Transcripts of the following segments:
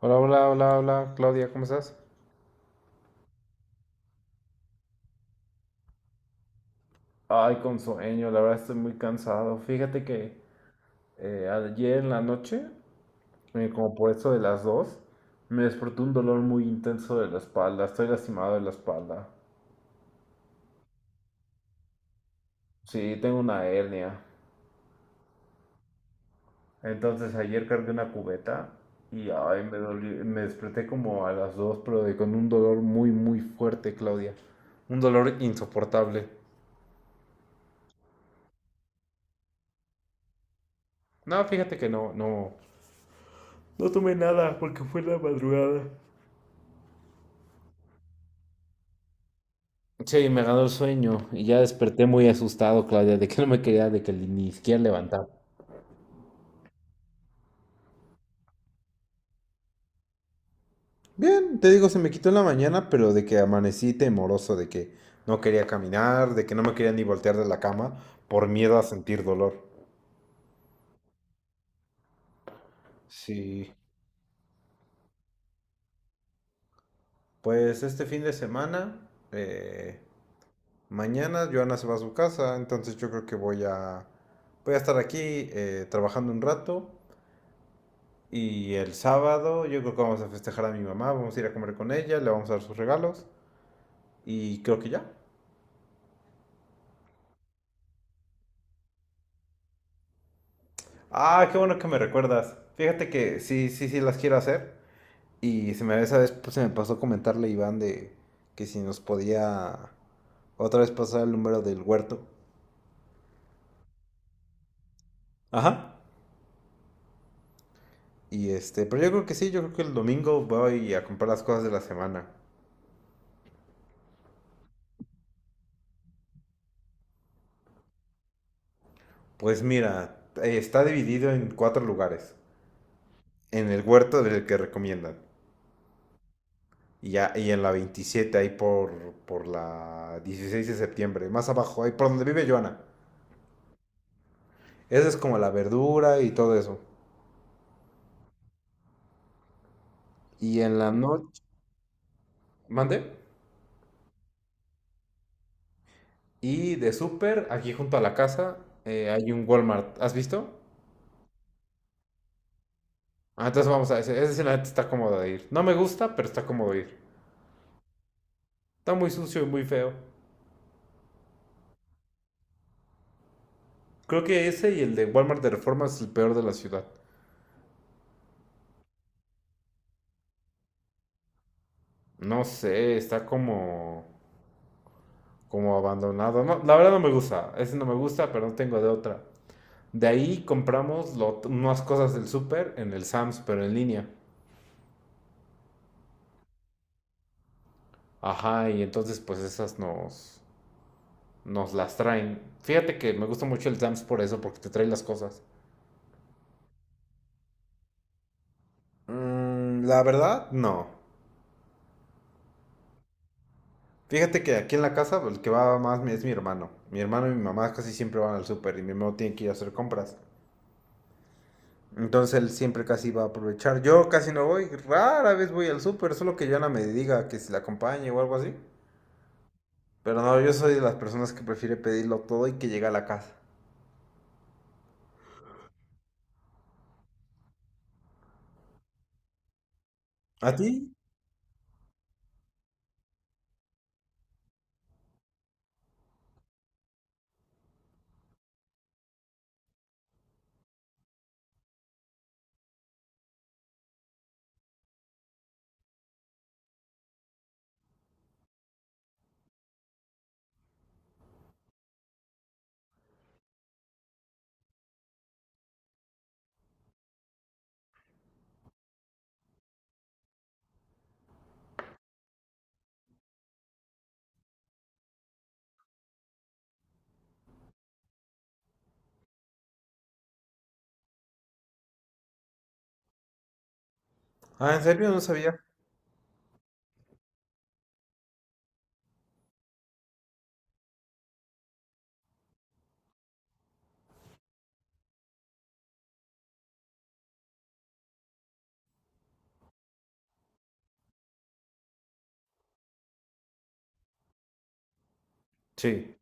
Hola, hola, hola, hola, Claudia, ¿cómo estás? Ay, con sueño, la verdad estoy muy cansado. Fíjate que ayer en la noche, como por eso de las 2, me despertó un dolor muy intenso de la espalda. Estoy lastimado de la espalda. Sí, tengo una hernia. Entonces ayer cargué una cubeta y ay, me desperté como a las 2, pero con un dolor muy, muy fuerte, Claudia. Un dolor insoportable. No, fíjate que no, no. No tomé nada porque fue en la madrugada. Sí, me ganó el sueño y ya desperté muy asustado, Claudia, de que no me quería, de que ni siquiera levantar. Bien, te digo, se me quitó en la mañana, pero de que amanecí temoroso, de que no quería caminar, de que no me quería ni voltear de la cama por miedo a sentir dolor. Sí, pues este fin de semana, mañana Joana se va a su casa, entonces yo creo que voy a estar aquí trabajando un rato y el sábado yo creo que vamos a festejar a mi mamá, vamos a ir a comer con ella, le vamos a dar sus regalos y creo que ya. Ah, qué bueno que me recuerdas. Fíjate que sí, sí, sí las quiero hacer. Y esa vez pues, se me pasó comentarle a Iván de que si nos podía otra vez pasar el número del huerto. Ajá. Y este, pero yo creo que sí, yo creo que el domingo voy a comprar las cosas de la semana. Pues mira, está dividido en cuatro lugares. En el huerto del que recomiendan. Y en la 27 ahí por la 16 de septiembre. Más abajo, ahí por donde vive Joana. Esa es como la verdura y todo eso. Y en la noche, mande. Y de súper, aquí junto a la casa, hay un Walmart. ¿Has visto? Ah, entonces vamos a ese. Ese sí, la neta está cómodo de ir. No me gusta, pero está cómodo de ir. Está muy sucio y muy feo. Creo que ese y el de Walmart de Reforma es el peor de la ciudad. No sé, está como abandonado. No, la verdad no me gusta. Ese no me gusta, pero no tengo de otra. De ahí compramos unas cosas del súper en el Sam's, pero en línea. Ajá, y entonces pues esas nos las traen. Fíjate que me gusta mucho el Sam's por eso, porque te trae las cosas. Mm, la verdad, no. Fíjate que aquí en la casa el que va más es mi hermano. Mi hermano y mi mamá casi siempre van al súper y mi hermano tiene que ir a hacer compras. Entonces él siempre casi va a aprovechar. Yo casi no voy, rara vez voy al súper, solo que Joana me diga que si la acompañe o algo así. Pero no, yo soy de las personas que prefiere pedirlo todo y que llegue a la casa. ¿A ti? Ah, ¿en serio? No sabía. Sí.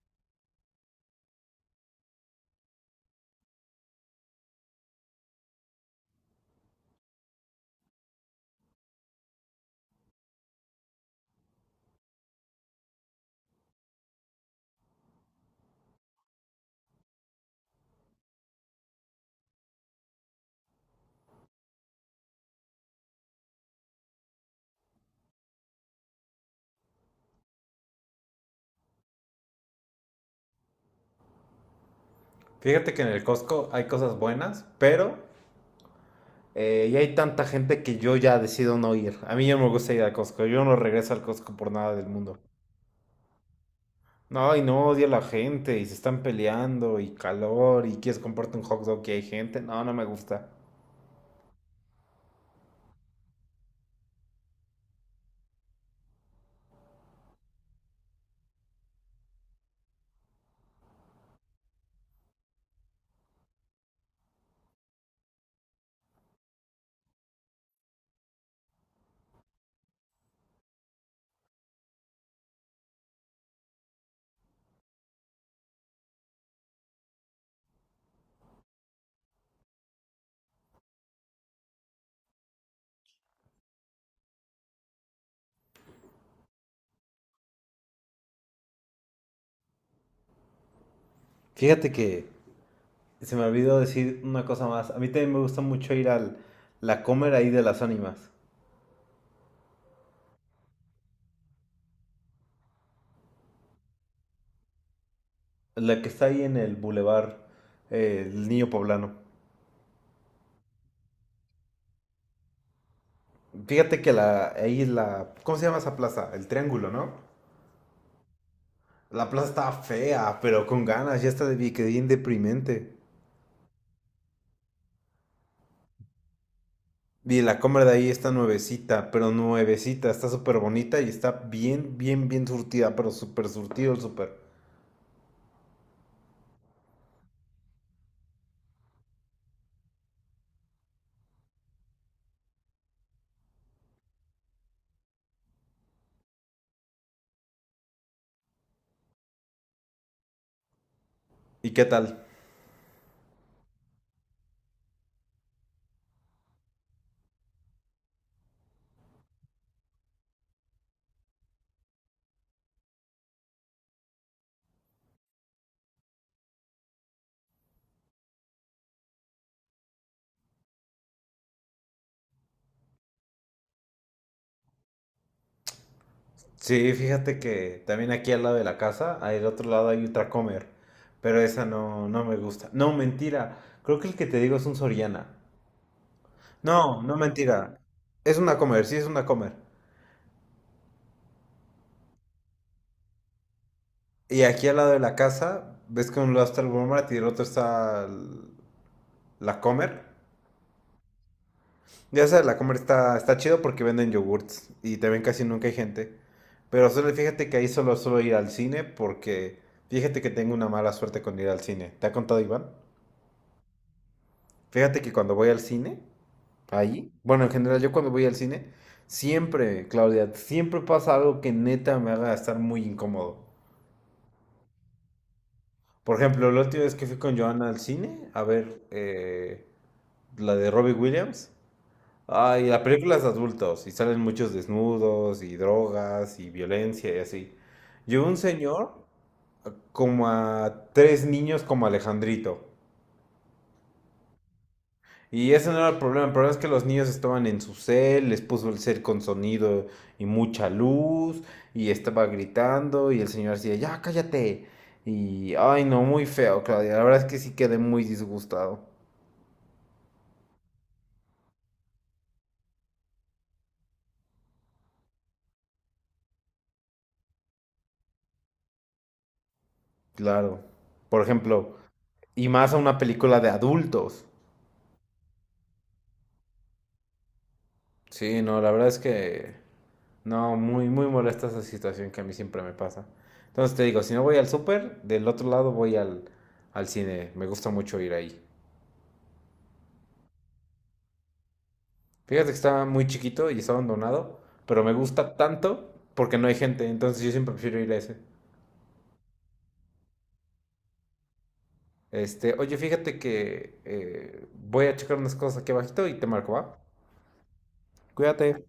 Fíjate que en el Costco hay cosas buenas, pero ya hay tanta gente que yo ya decido no ir. A mí ya no me gusta ir al Costco. Yo no regreso al Costco por nada del mundo. No, y no odio a la gente, y se están peleando, y calor, y quieres comprarte un hot dog que hay gente. No, no me gusta. Fíjate que se me olvidó decir una cosa más. A mí también me gusta mucho ir al La Comer ahí de las Ánimas, la que está ahí en el Boulevard El Niño Poblano. Fíjate que la, ahí la... ¿Cómo se llama esa plaza? El Triángulo, ¿no? La plaza está fea, pero con ganas, ya está de que bien deprimente. Y la compra de ahí está nuevecita, pero nuevecita, está súper bonita y está bien, bien, bien surtida, pero súper surtido el súper. ¿Y qué tal? Sí, fíjate que también aquí al lado de la casa, al otro lado hay otra comer, pero esa no, no me gusta. No, mentira, creo que el que te digo es un Soriana. No, no mentira, es una comer, sí es una comer. Y aquí al lado de la casa, ves que un lado está el Walmart y del otro está la Comer. Ya sabes, la Comer está chido porque venden yogurts y te ven casi nunca hay gente. Pero solo fíjate que ahí solo suelo ir al cine porque fíjate que tengo una mala suerte con ir al cine. ¿Te ha contado Iván? Fíjate que cuando voy al cine, ahí, bueno, en general yo cuando voy al cine, siempre, Claudia, siempre pasa algo que neta me haga estar muy incómodo. Por ejemplo, la última vez que fui con Joana al cine, a ver, la de Robbie Williams. Ay, la película es de adultos y salen muchos desnudos y drogas y violencia y así. Llevó un señor como a tres niños como Alejandrito. Y ese no era el problema es que los niños estaban en su cel, les puso el cel con sonido y mucha luz y estaba gritando y el señor decía, ya cállate. Y, ay, no, muy feo, Claudia. La verdad es que sí quedé muy disgustado. Claro. Por ejemplo, y más a una película de adultos. Sí, no, la verdad es que... No, muy, muy molesta esa situación que a mí siempre me pasa. Entonces te digo, si no voy al súper, del otro lado voy al cine. Me gusta mucho ir ahí. Fíjate que está muy chiquito y está abandonado, pero me gusta tanto porque no hay gente, entonces yo siempre prefiero ir a ese. Este, oye, fíjate que voy a checar unas cosas aquí abajito y te marco, ¿va? Cuídate.